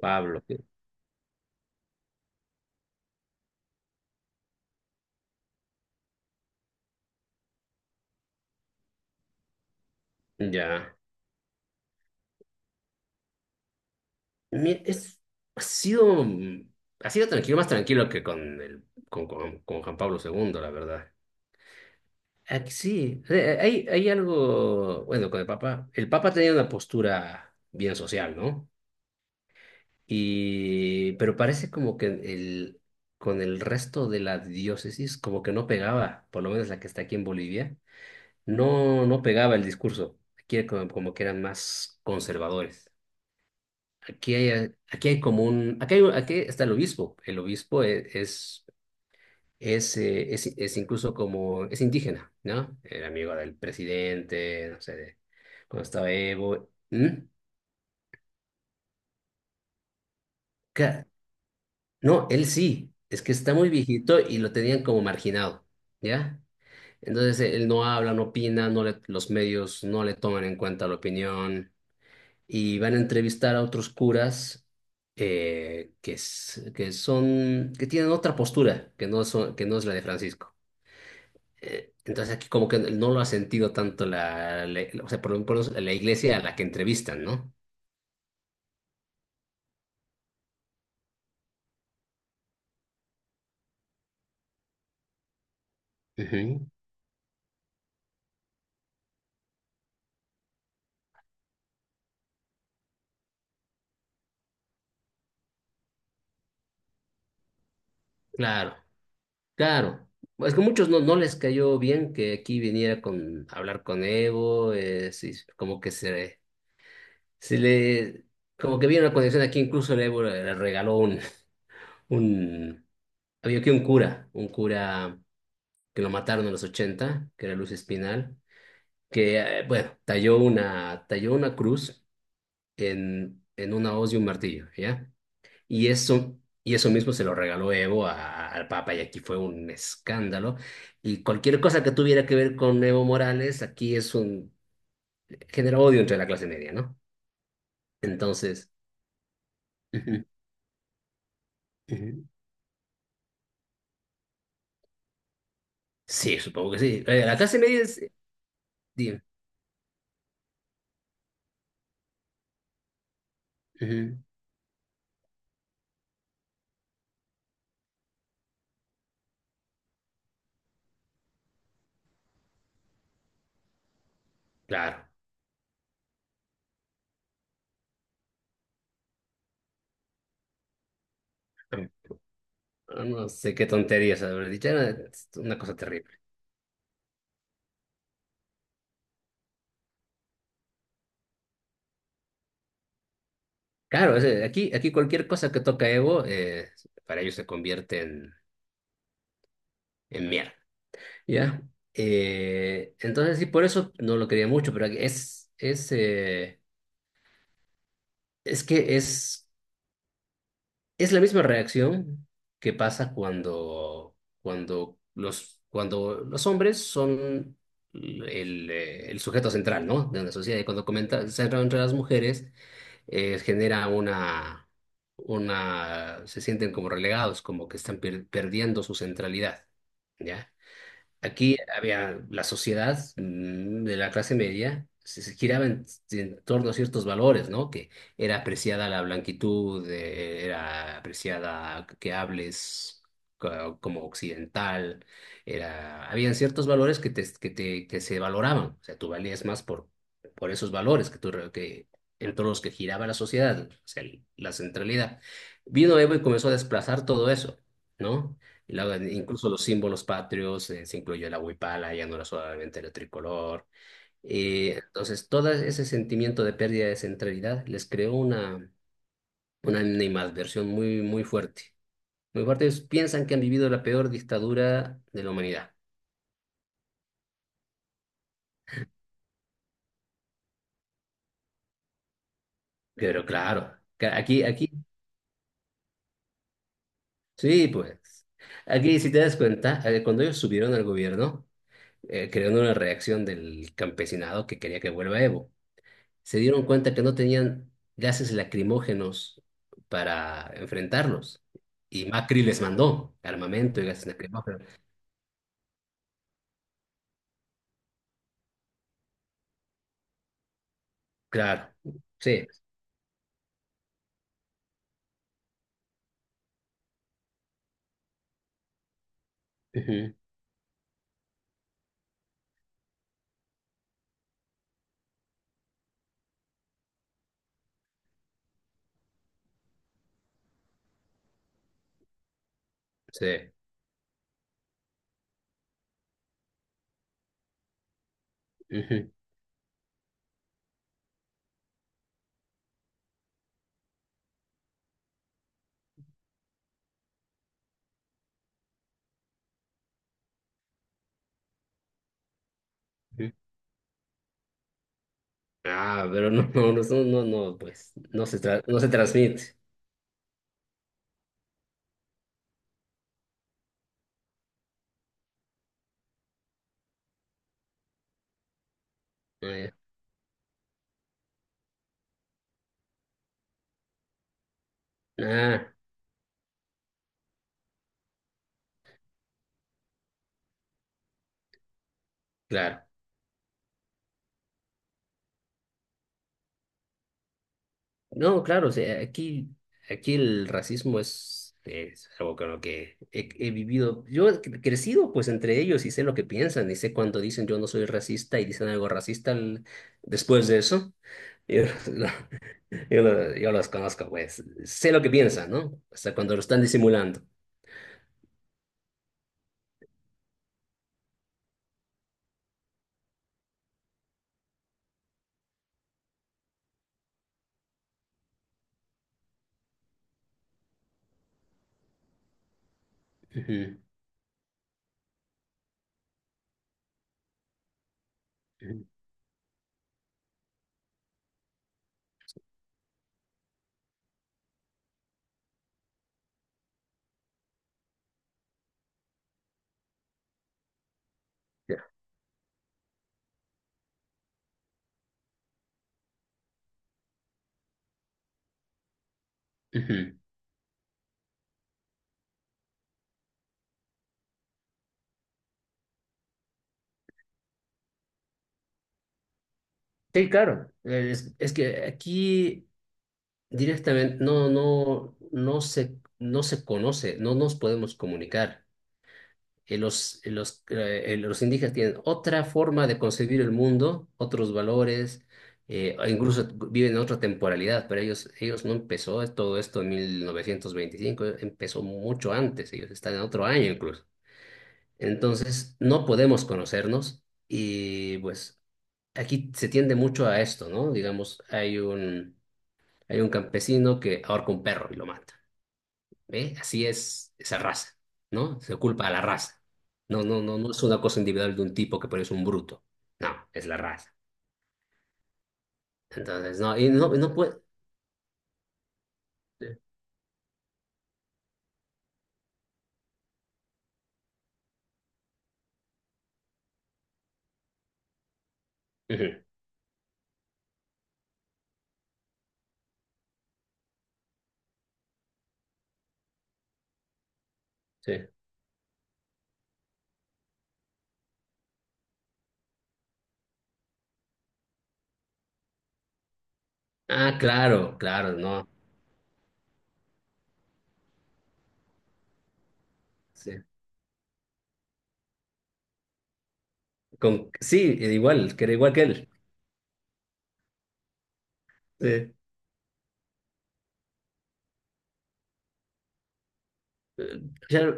Pablo, ya. Mi- Es, ha sido, mm, ha sido tranquilo, más tranquilo que con con Juan Pablo II la verdad. Aquí sí, hay algo, bueno, con el Papa. El Papa tenía una postura bien social, ¿no? Y, pero parece como que con el resto de la diócesis, como que no pegaba, por lo menos la que está aquí en Bolivia, no pegaba el discurso. Aquí como que eran más conservadores. Aquí hay como un, aquí, hay- aquí está el obispo. El obispo es incluso como, es indígena, ¿no? Era amigo del presidente, no sé, cuando estaba Evo. ¿Mm? Ca- No, él sí, es que está muy viejito y lo tenían como marginado, ¿ya? Entonces él no habla, no opina, los medios no le toman en cuenta la opinión. Y van a entrevistar a otros curas que son, que tienen otra postura, que no es la de Francisco. Entonces aquí como que no lo ha sentido tanto o sea, por lo menos la iglesia a la que entrevistan, ¿no? Ujú. Claro, claro. Es que muchos no les cayó bien que aquí viniera con a hablar con Evo, sí, como que se le, como que vieron la conexión aquí, incluso el Evo le regaló un. Había aquí un cura que lo mataron en los 80 que era Luis Espinal, que, bueno, talló talló una cruz en una hoz y un martillo, ¿ya? Y eso mismo se lo regaló Evo al Papa, y aquí fue un escándalo. Y cualquier cosa que tuviera que ver con Evo Morales, genera odio entre la clase media, ¿no? Entonces, ujú, ujú. Sí, supongo que sí. La clase media es, di- ujú, claro. No sé qué tonterías haber dicho, era una cosa terrible. Claro, aquí cualquier cosa que toca Evo, para ellos se convierte en mierda, ¿ya? Entonces, sí, por eso no lo quería mucho, pero es que es, es la misma reacción que pasa cuando los hombres son el sujeto central, ¿no? De una sociedad, y cuando comenta, se entra entre las mujeres genera se sienten como relegados, como que están perdiendo su centralidad, ¿ya? Aquí había la sociedad de la clase media, se giraba en torno a ciertos valores, ¿no? Que era apreciada la blanquitud, era apreciada que hables como occidental, habían ciertos valores que se valoraban, o sea, tú valías más por esos valores que tú, re- que, en torno a los que giraba la sociedad, o sea, la centralidad. Vino Evo y comenzó a desplazar todo eso, ¿no? Y luego, incluso los símbolos patrios, se incluyó la huipala, ya no era solamente el tricolor. Entonces, todo ese sentimiento de pérdida de centralidad les creó una animadversión muy, muy fuerte. Muy fuerte. Ellos piensan que han vivido la peor dictadura de la humanidad. Pero claro, que aquí, sí, pues, aquí si te das cuenta, cuando ellos subieron al gobierno, crearon una reacción del campesinado que quería que vuelva Evo. Se dieron cuenta que no tenían gases lacrimógenos para enfrentarlos. Y Macri les mandó armamento y gases lacrimógenos. Claro, sí. Ujú. Sí. Ujú, ujú. Ah, pero no, no, no, no, no, pues no se no se transmite. Ah, ya. Ah, claro. No, claro, o sea, aquí el racismo es algo con lo que he vivido. Yo he crecido pues entre ellos y sé lo que piensan y sé cuando dicen yo no soy racista y dicen algo racista después de eso. Yo, lo- yo los conozco, pues sé lo que piensan, ¿no? Hasta cuando lo están disimulando. Ujú, ujú, ya, ujú. Sí, claro. Es que aquí directamente no se conoce, no nos podemos comunicar. Los indígenas tienen otra forma de concebir el mundo, otros valores, e incluso viven en otra temporalidad, pero ellos no empezó todo esto en 1925, empezó mucho antes, ellos están en otro año incluso. Entonces, no podemos conocernos y pues aquí se tiende mucho a esto, ¿no? Digamos, hay un campesino que ahorca un perro y lo mata. ¿Ve? Así es esa raza, ¿no? Se culpa a la raza. No, no, no, no es una cosa individual de un tipo que parece un bruto. No, es la raza. Entonces, no, y no, no puede. Sí. Ujú, sí. Ah, claro, claro, no. Sí, sí, igual, que era igual que él. Sí. Eh, ya,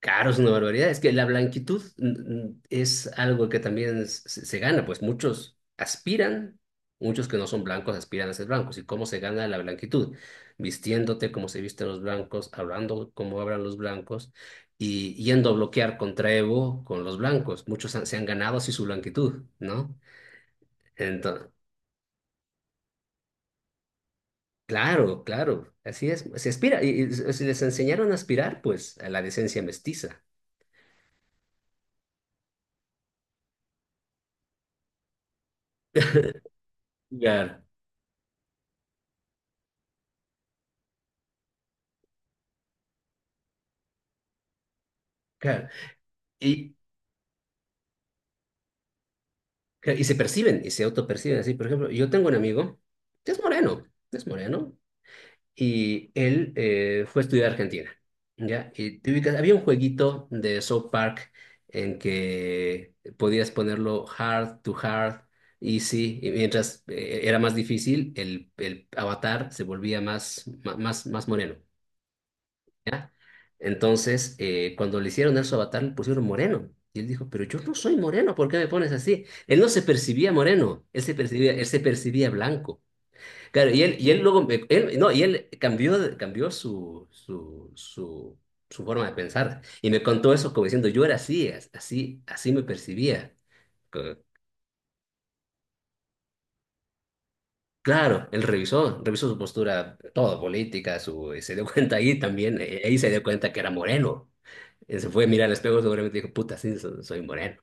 caro, es una barbaridad. Es que la blanquitud es algo que también se gana, pues muchos aspiran, muchos que no son blancos aspiran a ser blancos. ¿Y cómo se gana la blanquitud? Vistiéndote como se visten los blancos, hablando como hablan los blancos y yendo a bloquear contra Evo con los blancos. Muchos se han ganado así su blanquitud, ¿no? Entonces, claro, claro, así es. Se aspira, y si les enseñaron a aspirar, pues a la decencia mestiza. Claro, claro. Y, Claro, y se perciben, y se autoperciben así. Por ejemplo, yo tengo un amigo que es moreno, y él fue a estudiar a Argentina, ¿ya? Y te ubicas, había un jueguito de South Park en que podías ponerlo hard to hard, easy, y mientras era más difícil, el avatar se volvía más moreno. ¿Ya? Entonces, cuando le hicieron el su avatar, le pusieron moreno. Y él dijo, pero yo no soy moreno, ¿por qué me pones así? Él no se percibía moreno, él se percibía blanco. Claro, y él luego, me- él, no, y él cambió, cambió su forma de pensar. Y me contó eso como diciendo, yo era así, así, así me percibía. Co- Claro, él revisó su postura, todo, política, su, y se dio cuenta ahí también, ahí se dio cuenta que era moreno. Se fue a mirar al espejo, seguramente dijo, puta, sí, soy, moreno.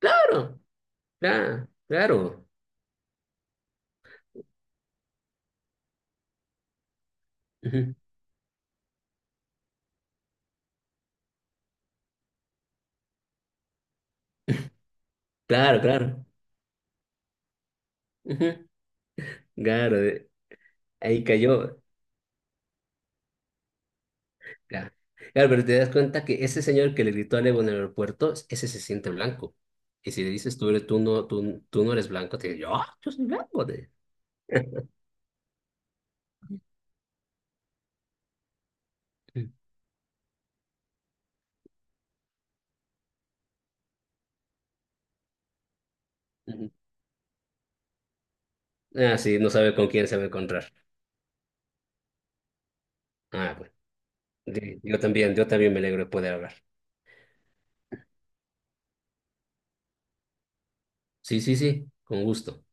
Claro, claro, claro. Ujú. Claro, claro. Ujú. Claro, ahí cayó. Claro. Claro, pero te das cuenta que ese señor que le gritó a Evo en el aeropuerto, ese se siente blanco. Y si le dices, tú, tú no eres blanco, te dice, yo soy blanco. Ujú. Ah, sí, no sabe con quién se va a encontrar. Ah, bueno. Sí, yo también, yo también me alegro de poder hablar. Sí, sí, sí, con gusto.